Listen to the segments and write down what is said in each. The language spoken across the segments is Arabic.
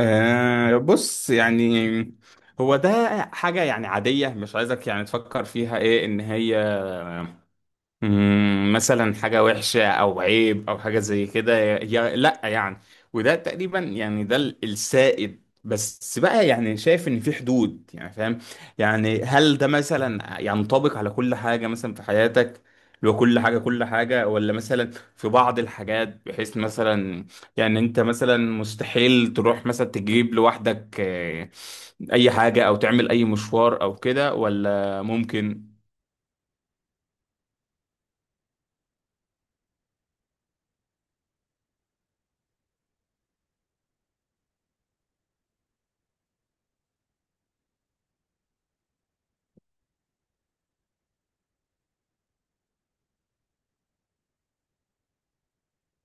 آه بص يعني، هو ده حاجة يعني عادية. مش عايزك يعني تفكر فيها ايه ان هي مثلا حاجة وحشة أو عيب أو حاجة زي كده، يا لأ يعني. وده تقريبا يعني ده السائد، بس بقى يعني شايف إن في حدود، يعني فاهم. يعني هل ده مثلا ينطبق على كل حاجة مثلا في حياتك؟ لو كل حاجة كل حاجة، ولا مثلا في بعض الحاجات بحيث مثلا يعني أنت مثلا مستحيل تروح مثلا تجيب لوحدك أي حاجة أو تعمل أي مشوار أو كده، ولا ممكن؟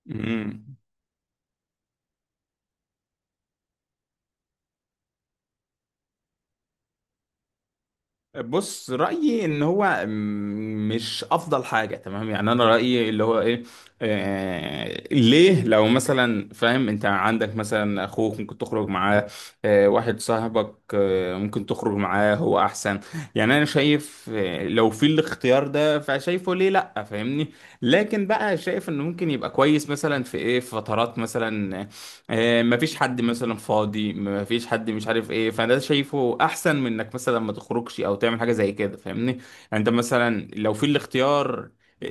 مم. بص رأيي ان هو مش افضل حاجة، تمام. يعني انا رأيي اللي هو ايه، ليه؟ لو مثلا فاهم، انت عندك مثلا اخوك ممكن تخرج معاه، واحد صاحبك ممكن تخرج معاه، هو احسن. يعني انا شايف، لو في الاختيار ده فشايفه ليه لا، فاهمني. لكن بقى شايف انه ممكن يبقى كويس مثلا في ايه، في فترات مثلا مفيش حد مثلا فاضي، مفيش حد، مش عارف ايه. فده شايفه احسن من انك مثلا ما تخرجش او تعمل حاجه زي كده، فاهمني يعني. انت مثلا لو في الاختيار، آه،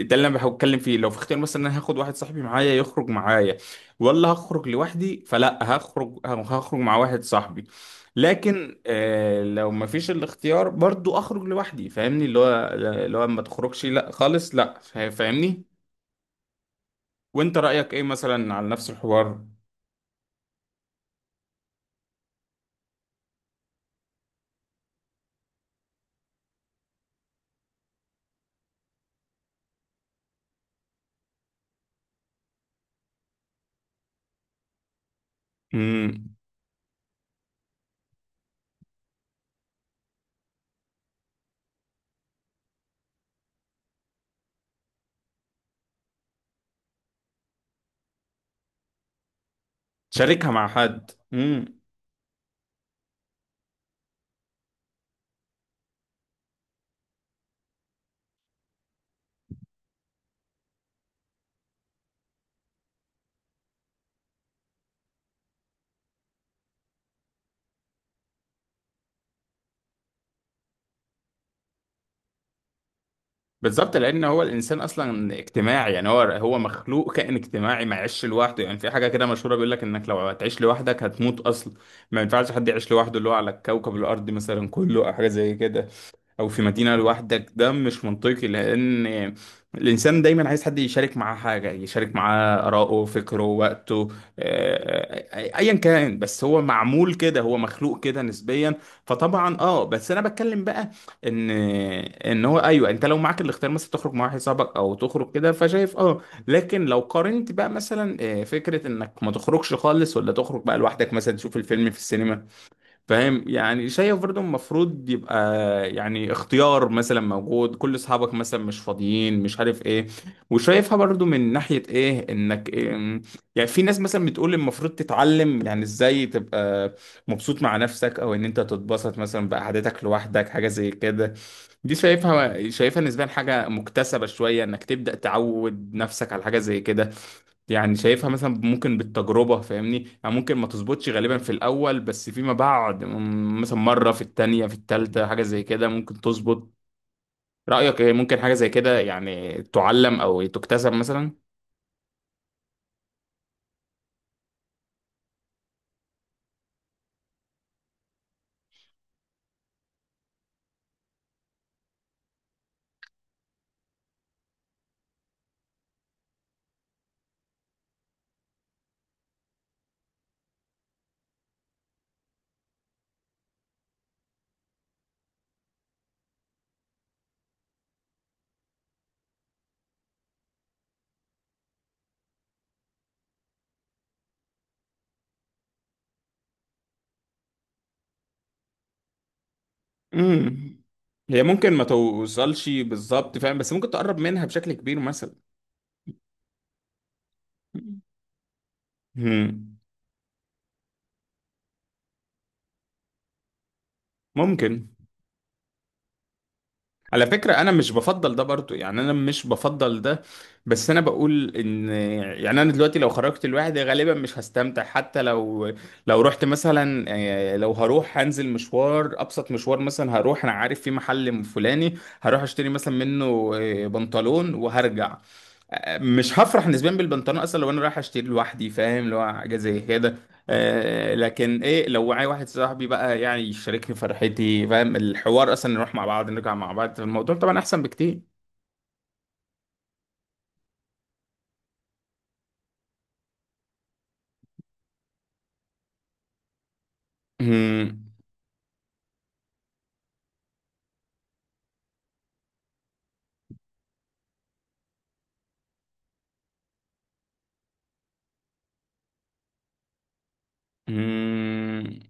ده اللي انا بحاول اتكلم فيه. لو في اختيار مثلا، انا هاخد واحد صاحبي معايا يخرج معايا، ولا هخرج لوحدي؟ فلا هخرج مع واحد صاحبي. لكن لو مفيش الاختيار، برضو اخرج لوحدي، فاهمني. اللي هو ما تخرجش، لا خالص لا. فاهمني؟ وانت رايك ايه مثلا على نفس الحوار؟ امم. تشاركها مع حد. بالظبط. لان هو الانسان اصلا اجتماعي، يعني هو مخلوق كائن اجتماعي، ما يعيش لوحده. يعني في حاجه كده مشهوره بيقول لك انك لو هتعيش لوحدك هتموت اصلا. ما ينفعش حد يعيش لوحده، اللي هو على كوكب الارض مثلا كله او حاجه زي كده، او في مدينة لوحدك، ده مش منطقي. لان الانسان دايما عايز حد يشارك معاه حاجة، يشارك معاه آراءه، فكره، وقته. ايا كان، بس هو معمول كده، هو مخلوق كده نسبيا. فطبعا بس انا بتكلم بقى ان هو، ايوه، انت لو معاك الاختيار مثلا تخرج مع واحد صاحبك او تخرج كده، فشايف اه لكن لو قارنت بقى مثلا فكرة انك ما تخرجش خالص، ولا تخرج بقى لوحدك مثلا تشوف الفيلم في السينما، فاهم يعني. شايف برضه المفروض يبقى يعني اختيار مثلا موجود، كل اصحابك مثلا مش فاضيين، مش عارف ايه. وشايفها برضه من ناحية ايه، انك إيه. يعني في ناس مثلا بتقول المفروض تتعلم يعني ازاي تبقى مبسوط مع نفسك، او ان انت تتبسط مثلا بقعدتك لوحدك، حاجة زي كده. دي شايفها نسبيا حاجة مكتسبة شوية، انك تبدأ تعود نفسك على حاجة زي كده. يعني شايفها مثلا ممكن بالتجربة، فاهمني. يعني ممكن ما تظبطش غالبا في الأول، بس فيما بعد مثلا مرة، في التانية، في التالتة، حاجة زي كده ممكن تظبط. رأيك إيه، ممكن حاجة زي كده يعني تعلم أو تكتسب مثلا؟ امم. هي ممكن ما توصلش بالظبط، فاهم، بس ممكن تقرب منها بشكل كبير مثلا. مم. ممكن. على فكرة أنا مش بفضل ده برضو، يعني أنا مش بفضل ده. بس أنا بقول إن يعني أنا دلوقتي لو خرجت لوحدي غالبا مش هستمتع، حتى لو رحت مثلا، لو هروح، هنزل مشوار، أبسط مشوار مثلا، هروح أنا عارف في محل فلاني، هروح أشتري مثلا منه بنطلون وهرجع. مش هفرح نسبيا بالبنطلون أصلا لو أنا رايح أشتري لوحدي، فاهم اللي هو حاجة زي كده. لكن ايه لو معايا واحد صاحبي بقى، يعني يشاركني فرحتي، فاهم الحوار اصلا، نروح مع بعض نرجع مع بعض، الموضوع طبعا احسن بكتير. مم. مم.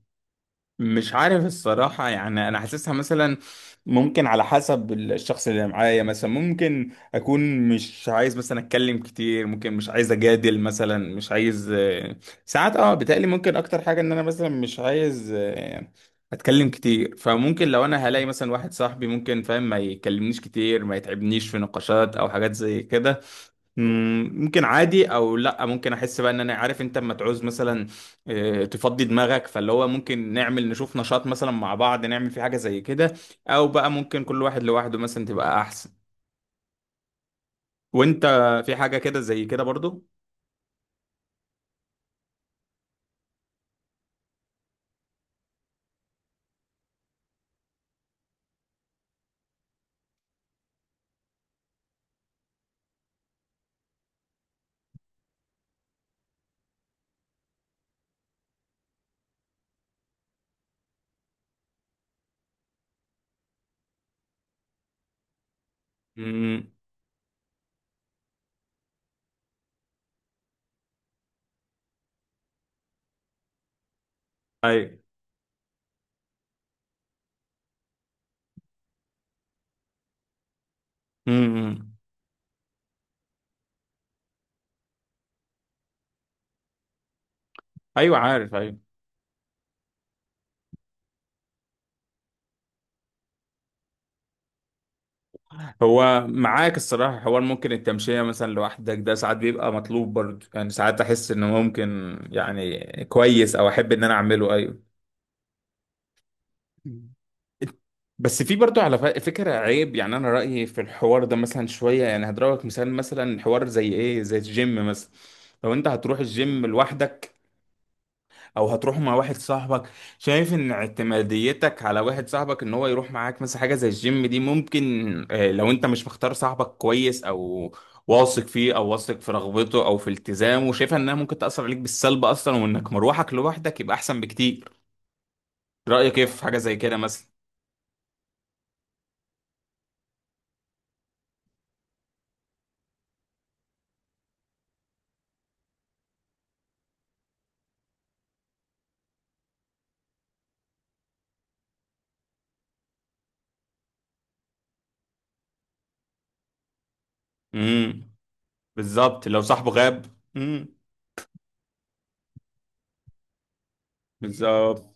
مش عارف الصراحة، يعني أنا حاسسها مثلا ممكن على حسب الشخص اللي معايا. مثلا ممكن أكون مش عايز مثلا أتكلم كتير، ممكن مش عايز أجادل مثلا، مش عايز. ساعات بتقلي ممكن أكتر حاجة إن أنا مثلا مش عايز أتكلم كتير. فممكن لو أنا هلاقي مثلا واحد صاحبي ممكن، فاهم، ما يكلمنيش كتير، ما يتعبنيش في نقاشات أو حاجات زي كده، ممكن عادي. او لا، ممكن احس بقى ان انا عارف انت اما تعوز مثلا تفضي دماغك، فاللي هو ممكن نعمل، نشوف نشاط مثلا مع بعض، نعمل في حاجة زي كده. او بقى ممكن كل واحد لوحده مثلا تبقى احسن. وانت، في حاجة كده زي كده برضو؟ امم، ايوه. امم، ايوه عارف، ايوه. هو معاك الصراحة حوار. ممكن التمشية مثلا لوحدك ده ساعات بيبقى مطلوب برضو، يعني ساعات احس انه ممكن يعني كويس او احب ان انا اعمله، ايوه. مم. بس في برضو على فكرة عيب، يعني أنا رأيي في الحوار ده مثلا شوية، يعني هضربك مثال، مثلا حوار زي إيه، زي الجيم مثلا. لو أنت هتروح الجيم لوحدك أو هتروح مع واحد صاحبك، شايف إن اعتماديتك على واحد صاحبك إن هو يروح معاك مثلا حاجة زي الجيم دي ممكن، لو أنت مش مختار صاحبك كويس، أو واثق فيه، أو واثق في رغبته أو في التزامه، شايفها إنها ممكن تأثر عليك بالسلب أصلا، وإنك مروحك لوحدك يبقى أحسن بكتير. رأيك إيه في حاجة زي كده؟ مثلا، بالظبط لو صاحبه غاب. امم. بالظبط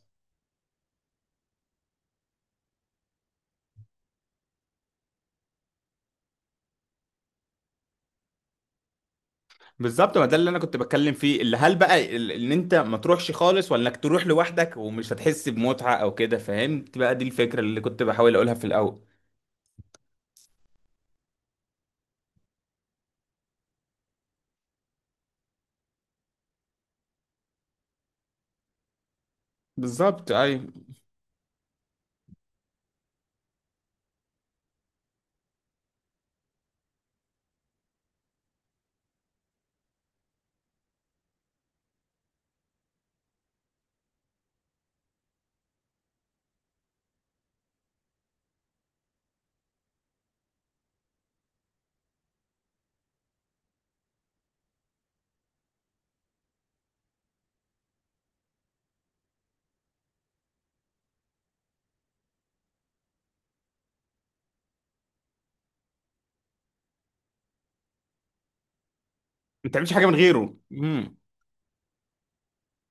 بالظبط، ما ده اللي انا كنت بتكلم فيه، اللي هل بقى ان انت ما تروحش خالص ولا انك تروح لوحدك ومش هتحس بمتعة او كده، فهمت بقى. دي الفكرة اللي كنت بحاول اقولها في الاول. بالظبط، ايوه. ما تعملش حاجة من غيره.